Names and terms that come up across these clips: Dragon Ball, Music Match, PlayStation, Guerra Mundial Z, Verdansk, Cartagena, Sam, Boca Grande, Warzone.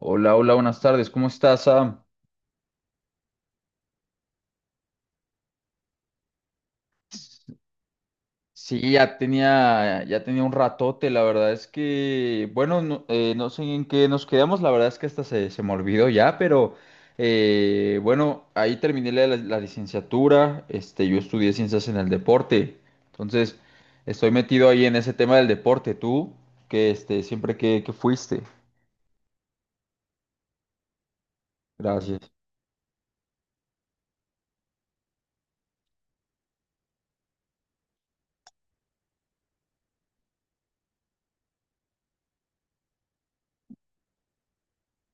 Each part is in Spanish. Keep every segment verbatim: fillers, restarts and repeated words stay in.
Hola, hola, buenas tardes. ¿Cómo estás, Sam? Sí, ya tenía, ya tenía un ratote. La verdad es que, bueno, no, eh, no sé en qué nos quedamos. La verdad es que hasta se, se me olvidó ya, pero eh, bueno, ahí terminé la, la licenciatura. Este, yo estudié ciencias en el deporte. Entonces, estoy metido ahí en ese tema del deporte. ¿Tú? Que este, siempre que, que fuiste. Gracias.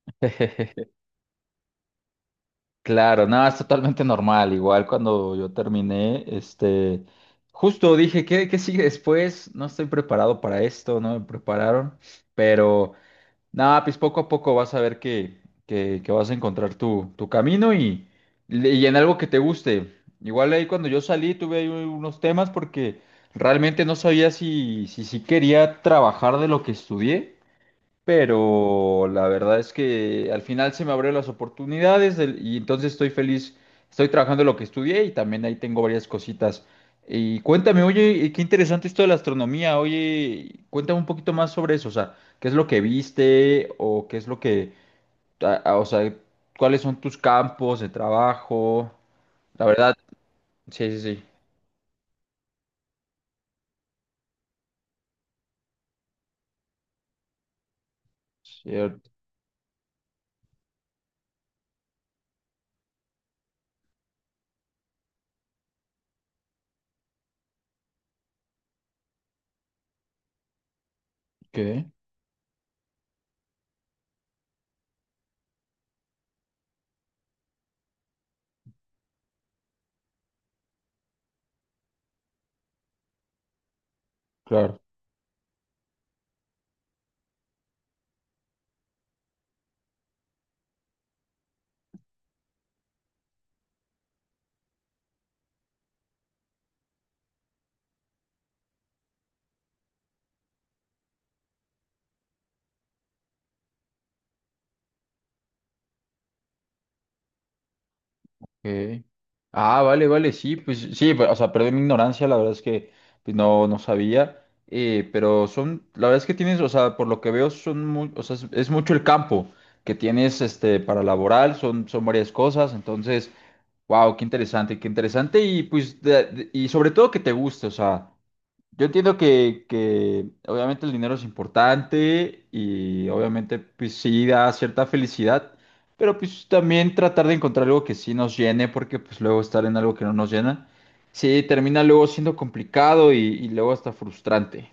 Claro, nada, es totalmente normal. Igual cuando yo terminé, este, justo dije, ¿qué, qué sigue después? No estoy preparado para esto, no me prepararon, pero nada, pues poco a poco vas a ver que, que, que vas a encontrar tu, tu camino y, y en algo que te guste. Igual ahí cuando yo salí tuve ahí unos temas porque realmente no sabía si, si, si quería trabajar de lo que estudié, pero la verdad es que al final se me abrieron las oportunidades del- y entonces estoy feliz, estoy trabajando lo que estudié y también ahí tengo varias cositas. Y cuéntame, oye, y qué interesante esto de la astronomía, oye, cuéntame un poquito más sobre eso, o sea, ¿qué es lo que viste o qué es lo que, a- a- o sea, cuáles son tus campos de trabajo? La verdad, sí, sí, sí. Cier- ¿Qué? Claro. Ok. Ah, vale, vale, sí, pues sí, pero, o sea, perdón mi ignorancia, la verdad es que pues, no, no sabía, eh, pero son, la verdad es que tienes, o sea, por lo que veo, son muy, o sea, es, es mucho el campo que tienes este, para laboral, son, son varias cosas, entonces, wow, qué interesante, qué interesante, y pues, de- de- y sobre todo que te guste, o sea, yo entiendo que, que obviamente el dinero es importante y obviamente pues sí da cierta felicidad, pero pues también tratar de encontrar algo que sí nos llene, porque pues luego estar en algo que no nos llena, sí termina luego siendo complicado y, y luego hasta frustrante.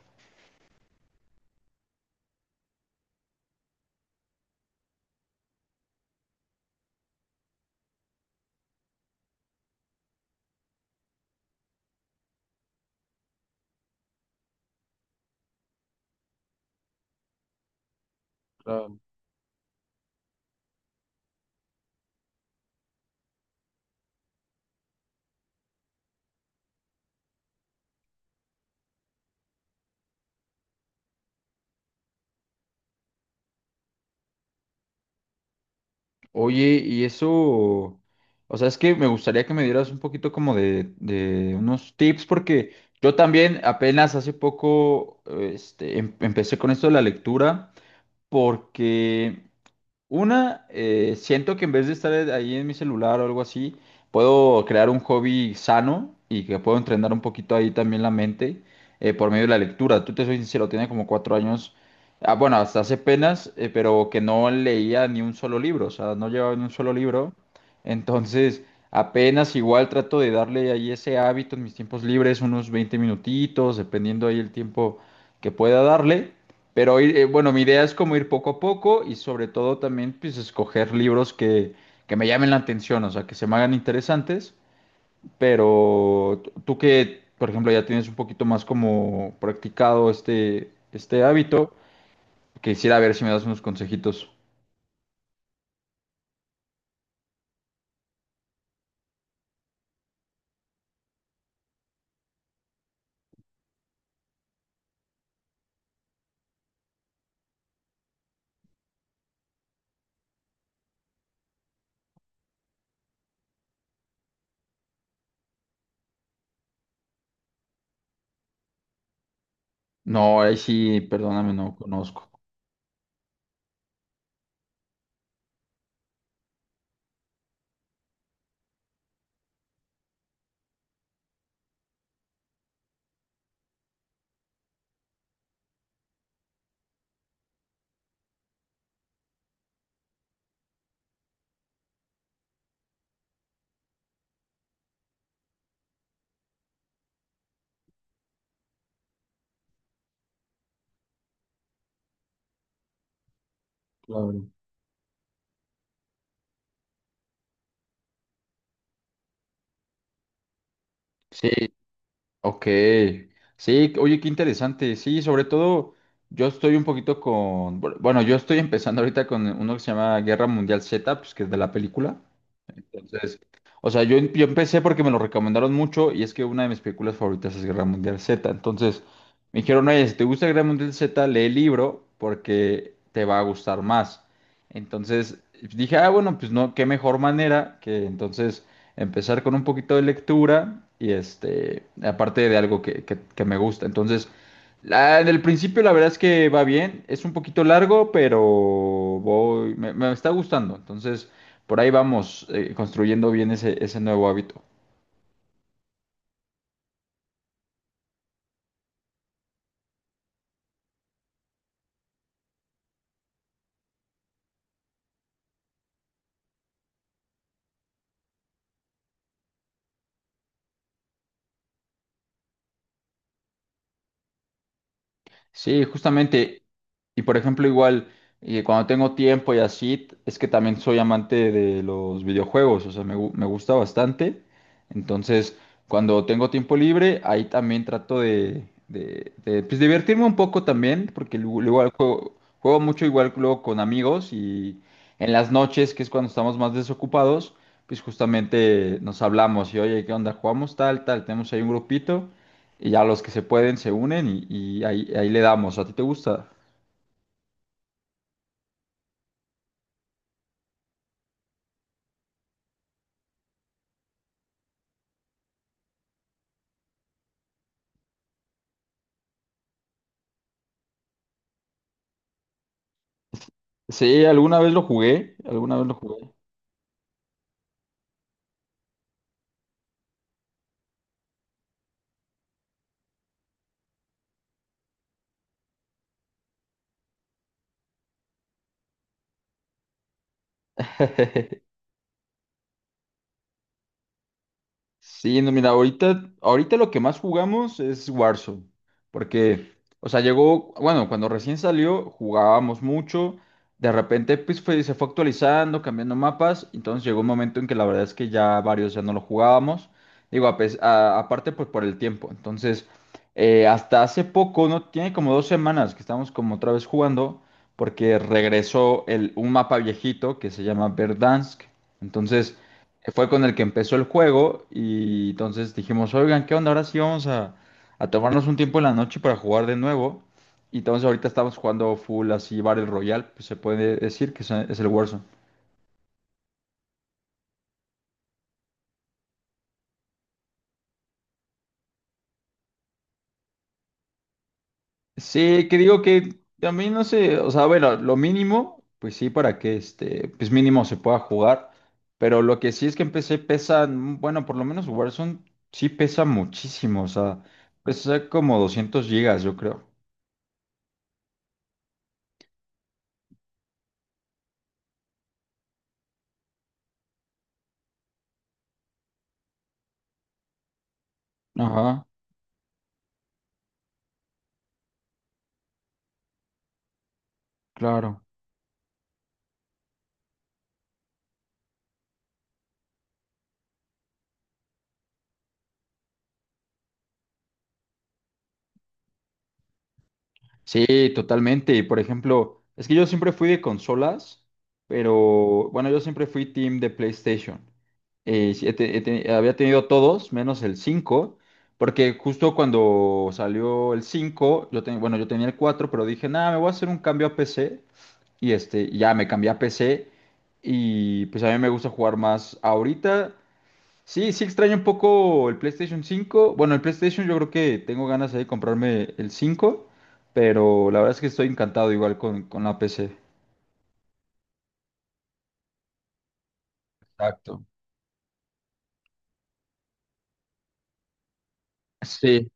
Claro. Oye, y eso, o sea, es que me gustaría que me dieras un poquito como de, de unos tips, porque yo también apenas hace poco, este, em- empecé con esto de la lectura, porque... Una, eh, siento que en vez de estar e, ahí en mi celular o algo así, puedo crear un hobby sano y que puedo entrenar un poquito ahí también la mente eh, por medio de la lectura. Tú te soy sincero, tiene como cuatro años, ah, bueno, hasta hace penas, eh, pero que no leía ni un solo libro, o sea, no llevaba ni un solo libro. Entonces, apenas igual trato de darle ahí ese hábito en mis tiempos libres, unos veinte minutitos, dependiendo ahí el tiempo que pueda darle. Pero ir, eh, bueno, mi idea es como ir poco a poco y sobre todo también pues escoger libros que, que me llamen la atención, o sea, que se me hagan interesantes, pero t- tú que, por ejemplo, ya tienes un poquito más como practicado este, este hábito, quisiera ver si me das unos consejitos. No, ahí sí, perdóname, no conozco. Claro. Sí, ok, sí, oye, qué interesante, sí, sobre todo yo estoy un poquito con, bueno, yo estoy empezando ahorita con uno que se llama Guerra Mundial Z, pues que es de la película, entonces, o sea, yo, em, yo empecé porque me lo recomendaron mucho y es que una de mis películas favoritas es Guerra Mundial Z. Entonces, me dijeron, oye, si te gusta Guerra Mundial Z, lee el libro porque te va a gustar más. Entonces, dije, ah, bueno, pues no, qué mejor manera que entonces empezar con un poquito de lectura y este, aparte de algo que, que- que me gusta. Entonces, la, en el principio la verdad es que va bien, es un poquito largo, pero voy, me me está gustando. Entonces por ahí vamos eh, construyendo bien ese, ese nuevo hábito. Sí, justamente. Y por ejemplo, igual, eh, cuando tengo tiempo y así, t- es que también soy amante de los videojuegos, o sea, me, gu- me gusta bastante. Entonces, cuando tengo tiempo libre, ahí también trato de, de- de, pues, divertirme un poco también, porque lu- luego al juego, juego mucho igual luego con amigos y en las noches, que es cuando estamos más desocupados, pues justamente nos hablamos y, oye, ¿qué onda? ¿Jugamos tal, tal? Tenemos ahí un grupito. Y ya los que se pueden se unen y, y ahí, ahí le damos. ¿A ti te gusta? Sí, alguna vez lo jugué, alguna vez lo jugué. Sí, no, mira, ahorita, ahorita lo que más jugamos es Warzone, porque, o sea, llegó, bueno, cuando recién salió jugábamos mucho, de repente pues fue- se fue actualizando, cambiando mapas, entonces llegó un momento en que la verdad es que ya varios ya no lo jugábamos, digo, a pes- a- aparte pues por el tiempo, entonces eh, hasta hace poco, no, tiene como dos semanas que estamos como otra vez jugando, porque regresó el, un mapa viejito que se llama Verdansk, entonces que fue con el que empezó el juego y entonces dijimos, oigan, ¿qué onda? Ahora sí vamos a, a tomarnos un tiempo en la noche para jugar de nuevo. Y entonces ahorita estamos jugando full así Battle Royale, pues se puede decir que es es el Warzone. Sí, que digo que también no sé, o sea, bueno, lo mínimo, pues sí, para que este, pues mínimo se pueda jugar, pero lo que sí es que empecé pesan, bueno, por lo menos Warzone sí pesa muchísimo, o sea, pesa como doscientos gigas, yo creo. Ajá, claro. Sí, totalmente. Y por ejemplo, es que yo siempre fui de consolas, pero bueno, yo siempre fui team de PlayStation. Eh, sí, he te- he te- había tenido todos, menos el cinco, porque justo cuando salió el cinco, yo ten- bueno, yo tenía el cuatro, pero dije, nada, me voy a hacer un cambio a P C. Y este, y ya me cambié a P C. Y pues a mí me gusta jugar más ahorita. Sí, sí extraño un poco el PlayStation cinco. Bueno, el PlayStation yo creo que tengo ganas ahí de comprarme el cinco, pero la verdad es que estoy encantado igual con, con la P C. Exacto. Sí,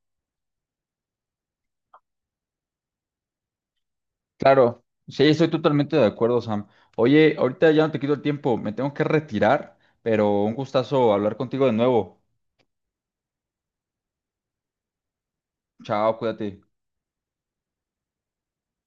claro. Sí, estoy totalmente de acuerdo, Sam. Oye, ahorita ya no te quito el tiempo, me tengo que retirar, pero un gustazo hablar contigo de nuevo. Chao, cuídate.